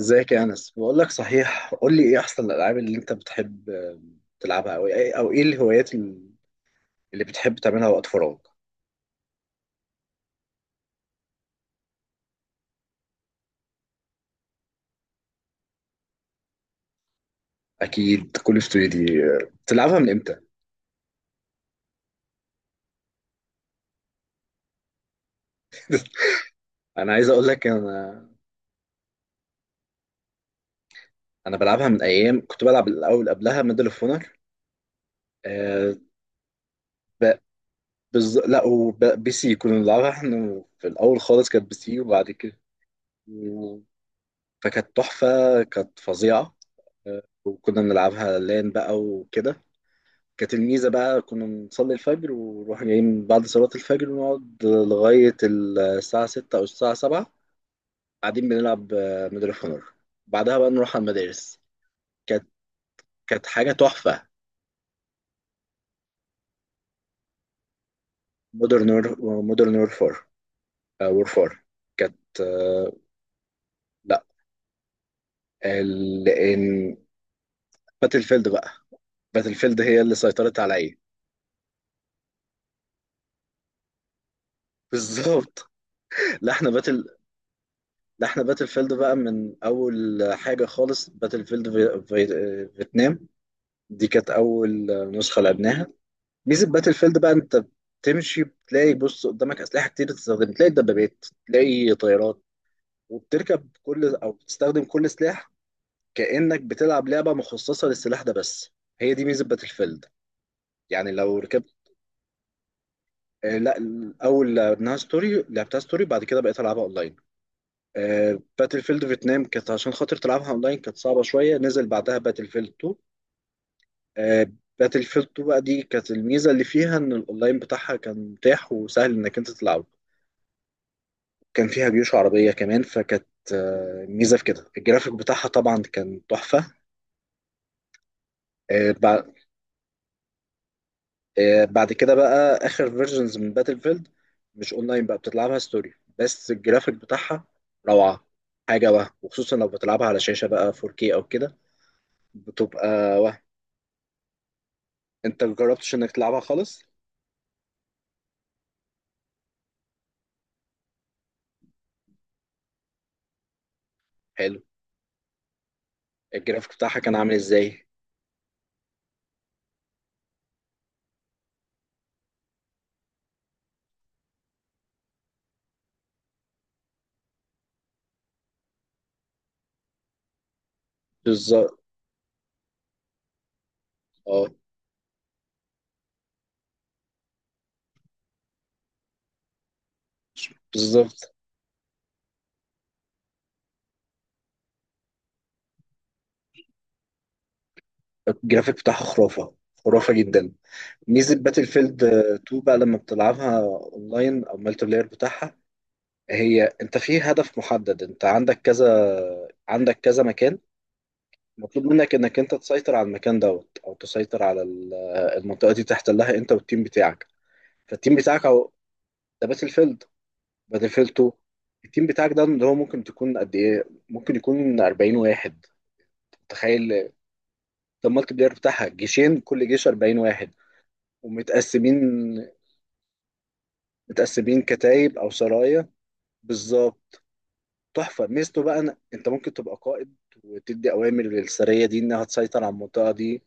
ازيك يا انس؟ بقول لك، صحيح، قول لي ايه احسن الالعاب اللي انت بتحب تلعبها، او ايه الهوايات اللي بتحب تعملها وقت فراغ؟ اكيد. كل اوف دي بتلعبها من امتى؟ انا عايز اقول لك. انا بلعبها من ايام كنت بلعب الاول قبلها ميدل اوف اونر. آه ب... لا، وبي سي كنا بنلعبها احنا في الاول خالص. كانت بي سي، وبعد كده و- فكانت تحفة، كانت فظيعة. وكنا بنلعبها لان بقى وكده. كانت الميزة بقى كنا نصلي الفجر ونروح جايين بعد صلاة الفجر ونقعد لغاية الساعة 6 أو الساعة 7، قاعدين بنلعب ميدل اوف اونر. بعدها بقى نروح على المدارس. كانت كانت حاجة تحفة. مودرن مودرن وورفار. كانت لا، ال... باتل فيلد بقى. باتل فيلد هي اللي سيطرت عليا. بالظبط. لا احنا باتل لا احنا باتل فيلد بقى من اول حاجه خالص. باتل فيلد فيتنام، دي كانت أول نسخة لعبناها. ميزة باتل فيلد بقى أنت بتمشي بتلاقي، بص، قدامك أسلحة كتير تستخدم، تلاقي دبابات، تلاقي طيارات، وبتركب كل أو بتستخدم كل سلاح كأنك بتلعب لعبة مخصصة للسلاح ده بس. هي دي ميزة باتل فيلد. يعني لو ركبت لا، الأول لعبناها ستوري، لعبتها ستوري، بعد كده بقيت ألعبها أونلاين. باتل فيلد فيتنام كانت عشان خاطر تلعبها أونلاين كانت صعبة شوية. نزل بعدها باتل فيلد 2. باتل فيلد 2 بقى، دي كانت الميزه اللي فيها ان الاونلاين بتاعها كان متاح وسهل انك انت تلعبه. كان فيها جيوش عربيه كمان، فكانت ميزه في كده. الجرافيك بتاعها طبعا كان تحفه. آه، بع- بعد كده بقى اخر فيرجنز من باتل فيلد مش اونلاين بقى، بتلعبها ستوري، بس الجرافيك بتاعها روعه، حاجه وهم. وخصوصا لو بتلعبها على شاشه بقى 4K او كده، بتبقى وهم. انت مجربتش انك تلعبها خالص؟ حلو. الجرافيك بتاعها كان عامل ازاي؟ بالظبط. اه، بالظبط. الجرافيك بتاعها خرافة، خرافة جدا. ميزة باتل فيلد 2 بقى لما بتلعبها اونلاين او مالتي بلاير بتاعها، هي انت في هدف محدد. انت عندك كذا، عندك كذا مكان مطلوب منك انك انت تسيطر على المكان دوت، او تسيطر على المنطقة دي، تحتلها انت والتيم بتاعك. فالتيم بتاعك اهو. ده باتل فيلد، باتل فيلد 2. التيم بتاعك ده اللي هو ممكن تكون قد ايه؟ ممكن يكون 40 واحد. تخيل. ده المالتي بلاير بتاعها، جيشين، كل جيش 40 واحد. ومتقسمين. متقسمين كتايب او سرايا. بالظبط. تحفه. ميزته بقى إن انت ممكن تبقى قائد وتدي اوامر للسريه دي انها تسيطر على المنطقه دي.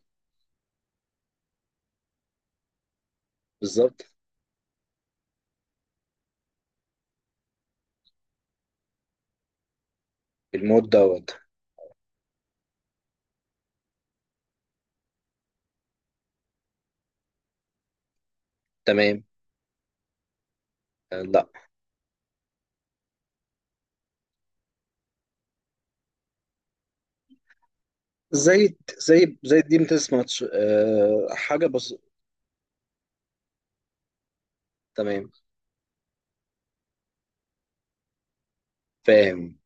بالظبط. المود دوت. تمام. لا. زي الديم تيس ماتش، حاجه بس. تمام. فاهم.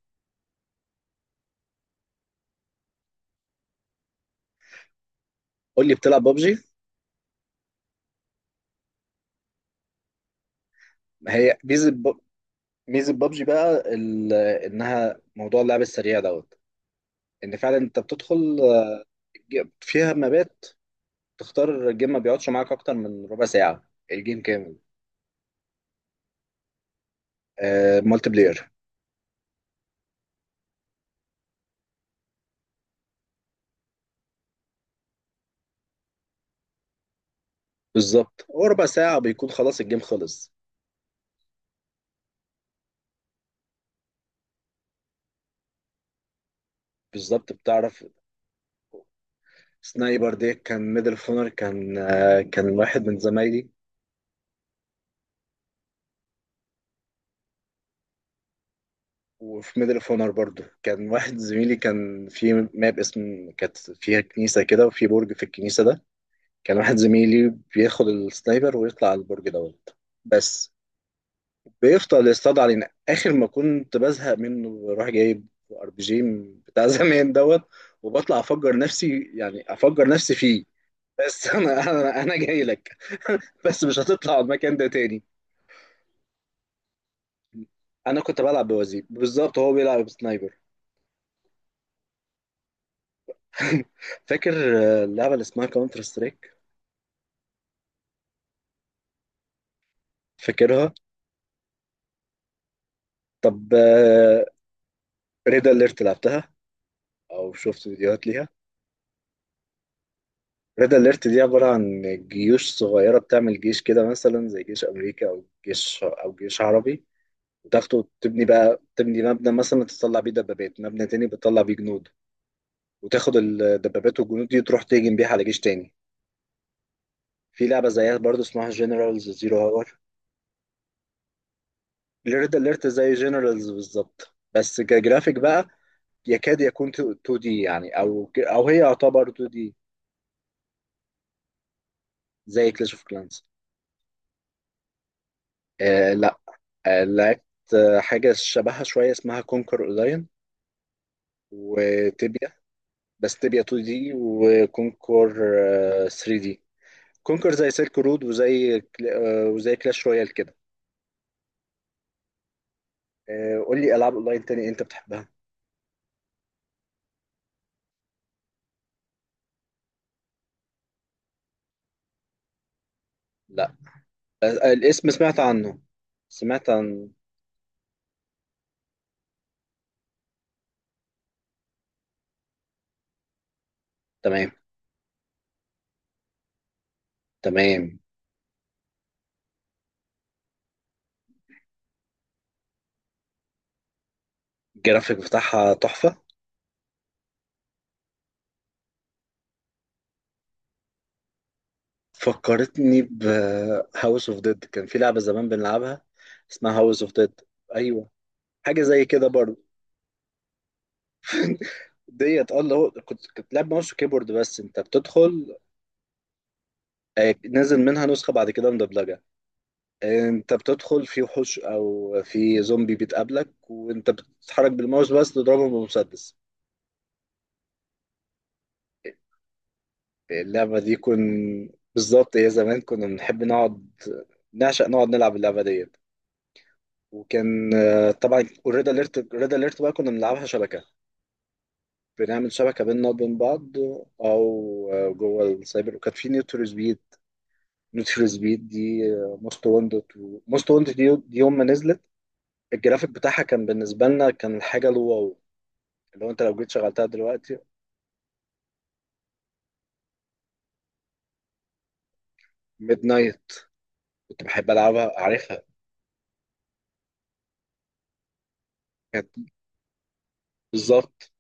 قول لي، بتلعب ببجي؟ ما هي ميزه ميزه ببجي بقى انها موضوع اللعب السريع دوت. ان فعلا انت بتدخل فيها مابات، تختار الجيم، ما بيقعدش معاك اكتر من ربع ساعه، الجيم كامل. آه، مالتي بلاير. بالظبط، هو ربع ساعة بيكون خلاص الجيم خلص. بالظبط، بتعرف. سنايبر دي كان ميدل اوف اونر. كان واحد من زمايلي. وفي ميدل اوف اونر برضه كان واحد زميلي كان في ماب اسم كانت فيها كنيسة كده، وفي برج في الكنيسة ده كان واحد زميلي بياخد السنايبر ويطلع على البرج دوت، بس بيفضل يصطاد علينا. اخر ما كنت بزهق منه، بروح جايب ار بي جي بتاع زمان دوت، وبطلع افجر نفسي، يعني افجر نفسي فيه. بس انا، انا جاي لك، بس مش هتطلع على المكان ده تاني. انا كنت بلعب بوزير، بالظبط هو بيلعب بسنايبر. فاكر اللعبه اللي اسمها كاونتر سترايك؟ فاكرها. طب ريد اليرت لعبتها، او شفت فيديوهات ليها؟ ريد اليرت دي عباره عن جيوش صغيره، بتعمل جيش كده مثلا زي جيش امريكا او جيش عربي، وتاخده تبني بقى، تبني مبنى مثلا تطلع بيه دبابات، مبنى تاني بتطلع بيه جنود، وتاخد الدبابات والجنود دي تروح تهجم بيها على جيش تاني. في لعبة زيها برضو اسمها جنرالز زيرو هاور. ريد اليرت زي جنرالز بالظبط، بس كجرافيك بقى، يكاد يكون 2 دي يعني، او هي يعتبر 2 دي. زي كلاش اوف كلانس. لا. لعبت حاجة شبهها شوية اسمها كونكر اونلاين. وتبيا، بس تبيا 2 دي. وكونكر 3 دي. كونكر زي سيلك رود وزي كلاش رويال كده. آه، قول لي العاب اونلاين تاني انت بتحبها. لا. الاسم سمعت عنه. سمعت عن. تمام. تمام. الجرافيك بتاعها تحفة. فكرتني ب هاوس اوف ديد. كان في لعبة زمان بنلعبها اسمها هاوس اوف ديد. ايوه، حاجة زي كده برضه. ديت. اه، اللي هو كنت لعب ماوس وكيبورد، بس انت بتدخل. نازل منها نسخة بعد كده مدبلجة. انت بتدخل في وحوش او في زومبي بتقابلك، وانت بتتحرك بالماوس بس تضربهم بمسدس. اللعبة دي بالظبط، هي زمان كنا بنحب نقعد، نعشق نقعد نلعب اللعبة دي. وكان طبعا والريد اليرت، الريد اليرت بقى كنا بنلعبها شبكه، بنعمل شبكه بيننا وبين بعض. او جوه السايبر. وكان في نيد فور سبيد. نيد فور سبيد دي موست وانتد. دي يوم ما نزلت، الجرافيك بتاعها كان بالنسبه لنا كان الحاجه الواو. لو انت جيت شغلتها دلوقتي. ميد نايت كنت بحب العبها، عارفها. كانت بالظبط.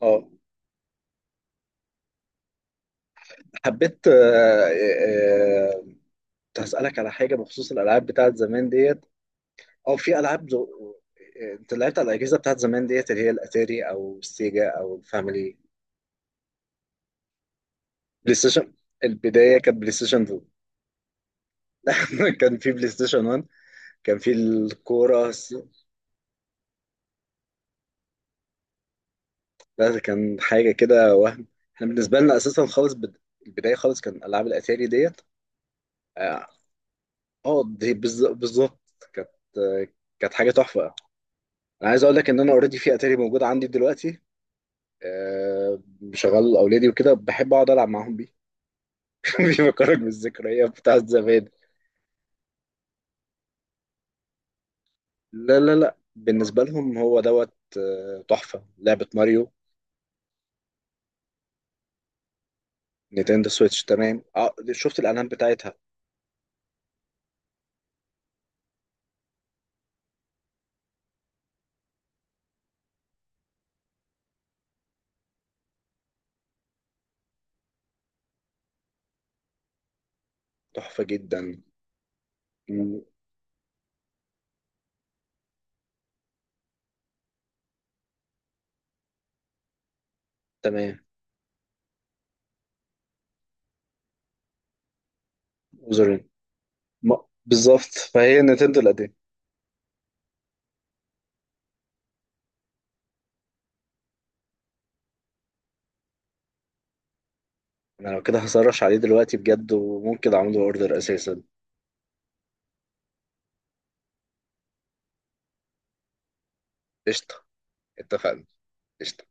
اه، حبيت. كنت هسألك على حاجة بخصوص الألعاب بتاعت زمان ديت. اه، في العاب انت لعبت على الاجهزه بتاعت زمان ديت اللي هي الاتاري او السيجا او الفاميلي؟ بلاي ستيشن. البدايه كانت بلاي ستيشن 2. كان في بلاي ستيشن 1. كان في الكوره لا، ده كان حاجه كده وهم. احنا بالنسبه لنا اساسا خالص البدايه خالص كان العاب الاتاري ديت. اه. بالظبط. كانت آه، كانت حاجه تحفه. انا عايز اقول لك ان انا اوريدي في اتاري موجود عندي دلوقتي، بشغل اولادي وكده، بحب اقعد العب معاهم بيه. بيفكرك بالذكريات بتاعت زمان. لا، لا، لا، بالنسبة لهم هو دوت تحفة لعبة ماريو. نينتندو سويتش، تمام، شفت الإعلان بتاعتها. تحفة جدا. مم، تمام. وزرين. بالظبط، فهي نينتندو القديم. أنا لو كده هسرش عليه دلوقتي بجد، وممكن أعمله أوردر أساسا. قشطة. اتفقنا. قشطة.